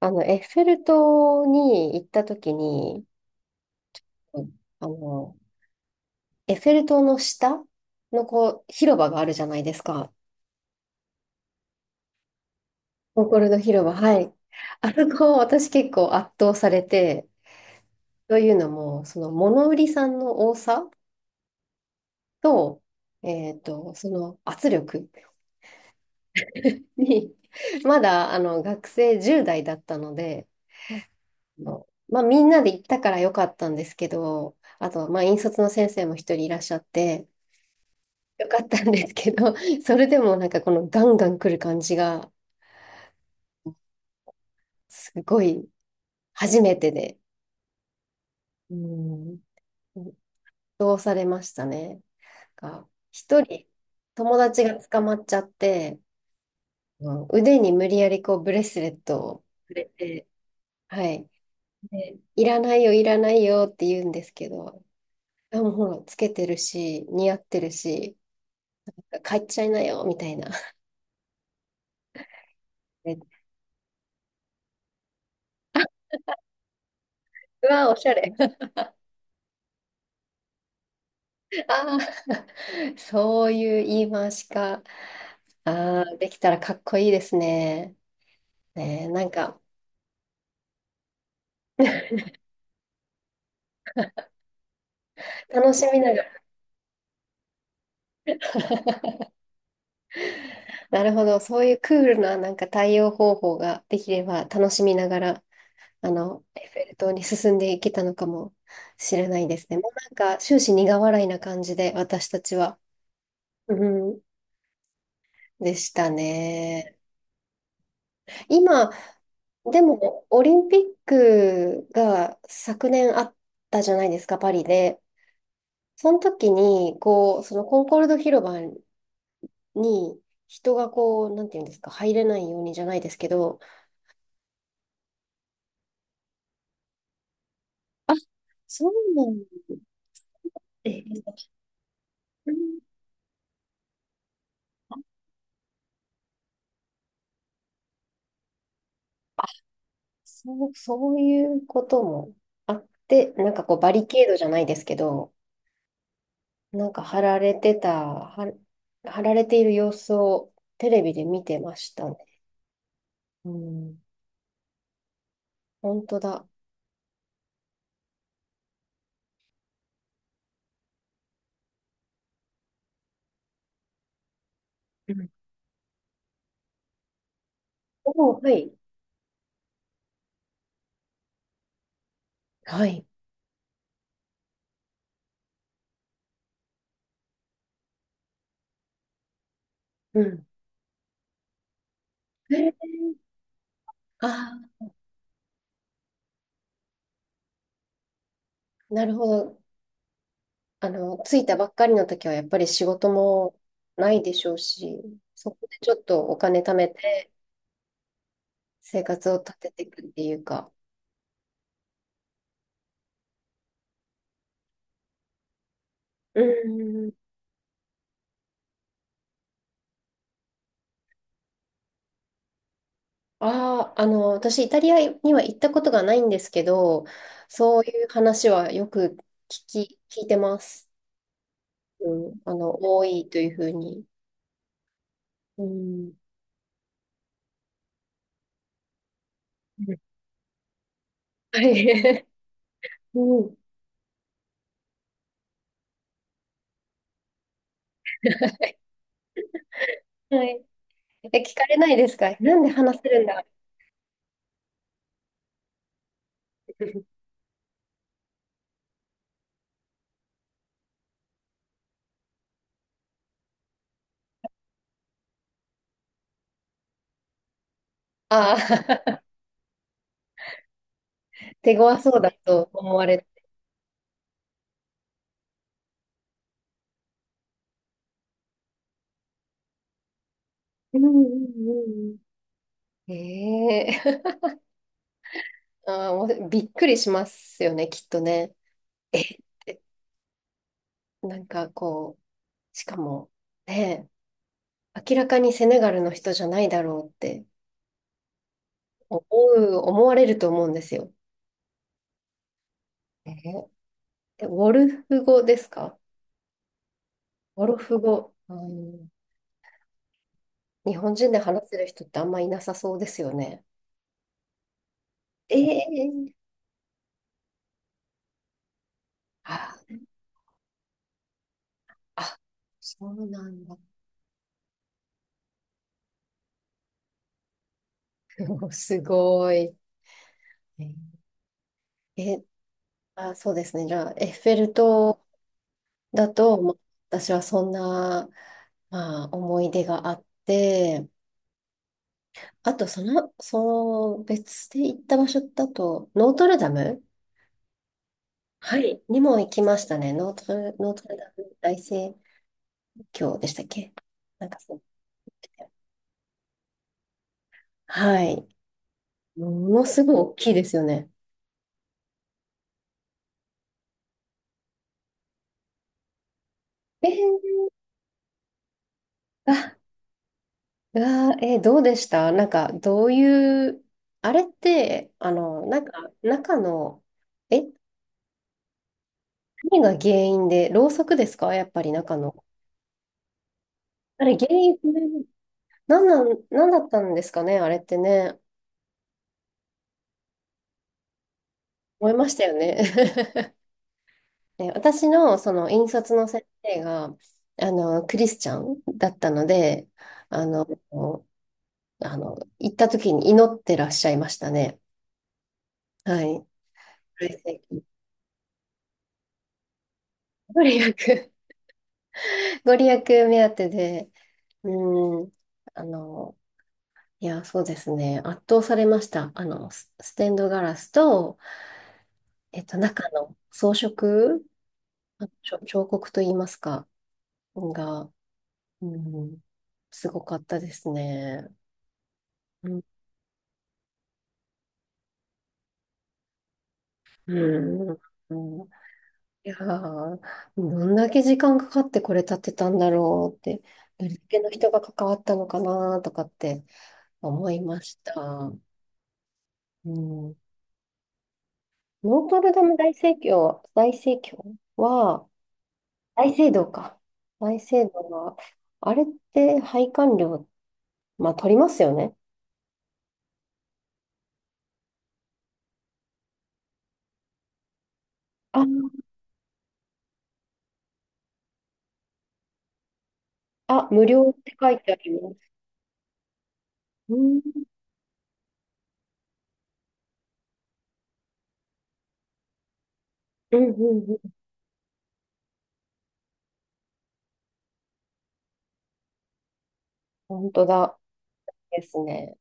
エッフェル塔に行った時に、うんあの、エッフェル塔の下のこう、広場があるじゃないですか。コンコルド広場、はい。あそこ、私結構圧倒されて、というのも、その物売りさんの多さと、その圧力に、まだ学生10代だったので、まあみんなで行ったから良かったんですけど、あと、まあ引率の先生も一人いらっしゃって、よかったんですけど、それでもなんかこのガンガン来る感じが、すごい初めてで、うん、どうされましたね。なんか、一人友達が捕まっちゃって、うん腕に無理やりこうブレスレットをくれて、はい。で、いらないよ、いらないよって言うんですけど、あ、もうほら、つけてるし、似合ってるし、帰っちゃいなよ、みたいな。でうわ、おしゃれ。あー そういう言い回しか。ああ、できたらかっこいいですね。ねえ、なんか、楽しみながら、なるほど、そういうクールななんか対応方法ができれば、楽しみながら、エッフェル塔に進んでいけたのかもしれないですね。もうなんか、終始苦笑いな感じで、私たちは。うん、でしたね。今、でも、オリンピックが昨年あったじゃないですか、パリで。その時に、こう、そのコンコルド広場に人がこう、なんていうんですか、入れないようにじゃないですけど、あ、そうなんええ、そう、そういうこともあって、なんかこう、バリケードじゃないですけど、なんか貼られている様子をテレビで見てましたね。うん、本当だ。うんおーはい。はい。うん。えーああ、なるほど。着いたばっかりの時はやっぱり仕事もないでしょうし、そこでちょっとお金貯めて生活を立てていくっていうか。うん。ああ、私イタリアには行ったことがないんですけど、そういう話はよく聞いてます。うん。多いというふうに。うん。はい。うん。はい。え、聞かれないですかなんで話せるんだ ああ、手強そうだと思われて。うんうんうん。ええ あー、もうびっくりしますよね、きっとね。えってなんかこう、しかも、ねえ、明らかにセネガルの人じゃないだろうって思思われると思うんですよ。えーえ、ウォルフ語ですかウォルフ語。うん日本人で話せる人ってあんまいなさそうですよね。ええあ、あ、そうなんだ。すごい。えーえあ、そうですね。じゃあ、エッフェル塔だと、まあ私はそんな、まあ、思い出があって、あと、その別で行った場所だと、ノートルダムはい。にも行きましたね。ノートルダム大聖教でしたっけなんかそう。はい。ものすごい大きいですよね。えー、あ、うわー、どうでしたなんか、どういう、あれって、なんか、中の、え、何が原因で、ろうそくですかやっぱり中の。あれ、原因、何だったんですかねあれってね、思いましたよね。で私のその引率の先生が、クリスチャンだったので、あの、行った時に祈ってらっしゃいましたね。はい。はいご利益、ご利益目当てで、うん、あの、いや、そうですね、圧倒されました。スステンドガラスと、中の装飾、彫刻といいますか、が、うん、すごかったですね。うん。うんうんいやー、どんだけ時間かかってこれ建てたんだろうって、どれだけの人が関わったのかなとかって思いました。うん、ノートルダム大聖教、大聖教は、大聖堂か。大聖堂は、あれって拝観料、まあ取りますよね。ああ、無料って書いてあります。うん、うん、うん、うん。本当だ。ですね。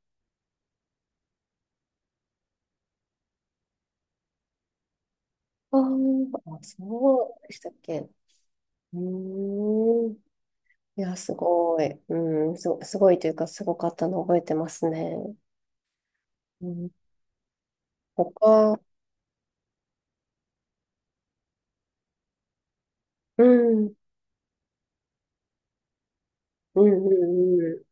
あーあ、そうでしたっけ。うーん。いや、すごい。うん、すごいというか、すごかったの覚えてますね。うん、他、うん、うん、うん、う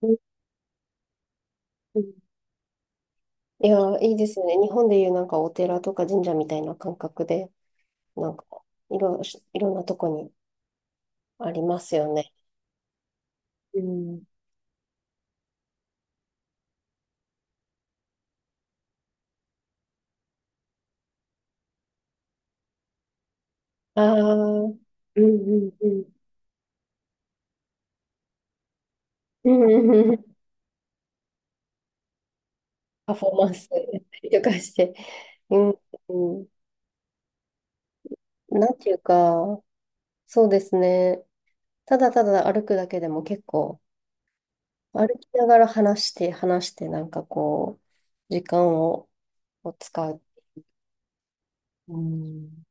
ん。うんいや、いいですよね。日本でいうなんかお寺とか神社みたいな感覚で、なんか、いろ、いろんなとこにありますよね。うん。ああ、うん、うん、うん。うんパフォーマンス とかして。うん、うんなんていうか、そうですね。ただただ歩くだけでも結構、歩きながら話して、話して、なんかこう、時間を、使う。うん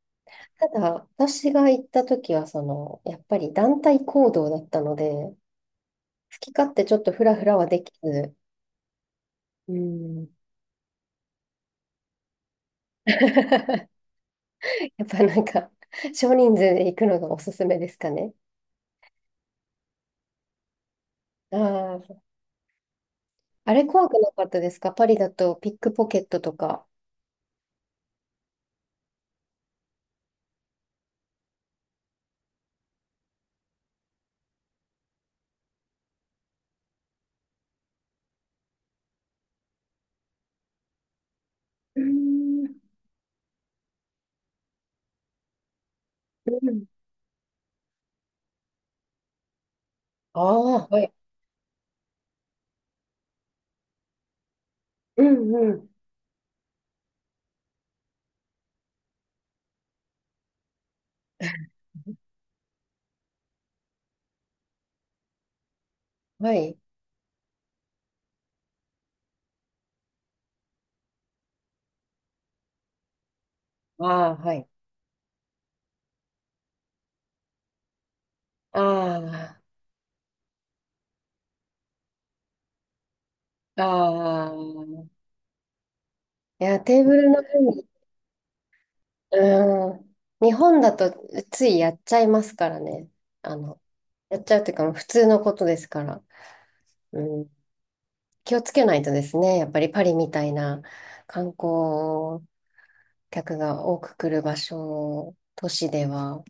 ただ、私が行った時は、その、やっぱり団体行動だったので、好き勝手ちょっとフラフラはできず、うん やっぱなんか、少人数で行くのがおすすめですかね。ああ、あれ怖くなかったですかパリだとピックポケットとか。うーん、うん、ああ、はい。うん、うん。はい。ああ、はい。ああ、ああ。いや、テーブルの上に、うん。日本だとついやっちゃいますからね。あの、やっちゃうというか、普通のことですから。うん。気をつけないとですね。やっぱりパリみたいな観光客が多く来る場所、都市では。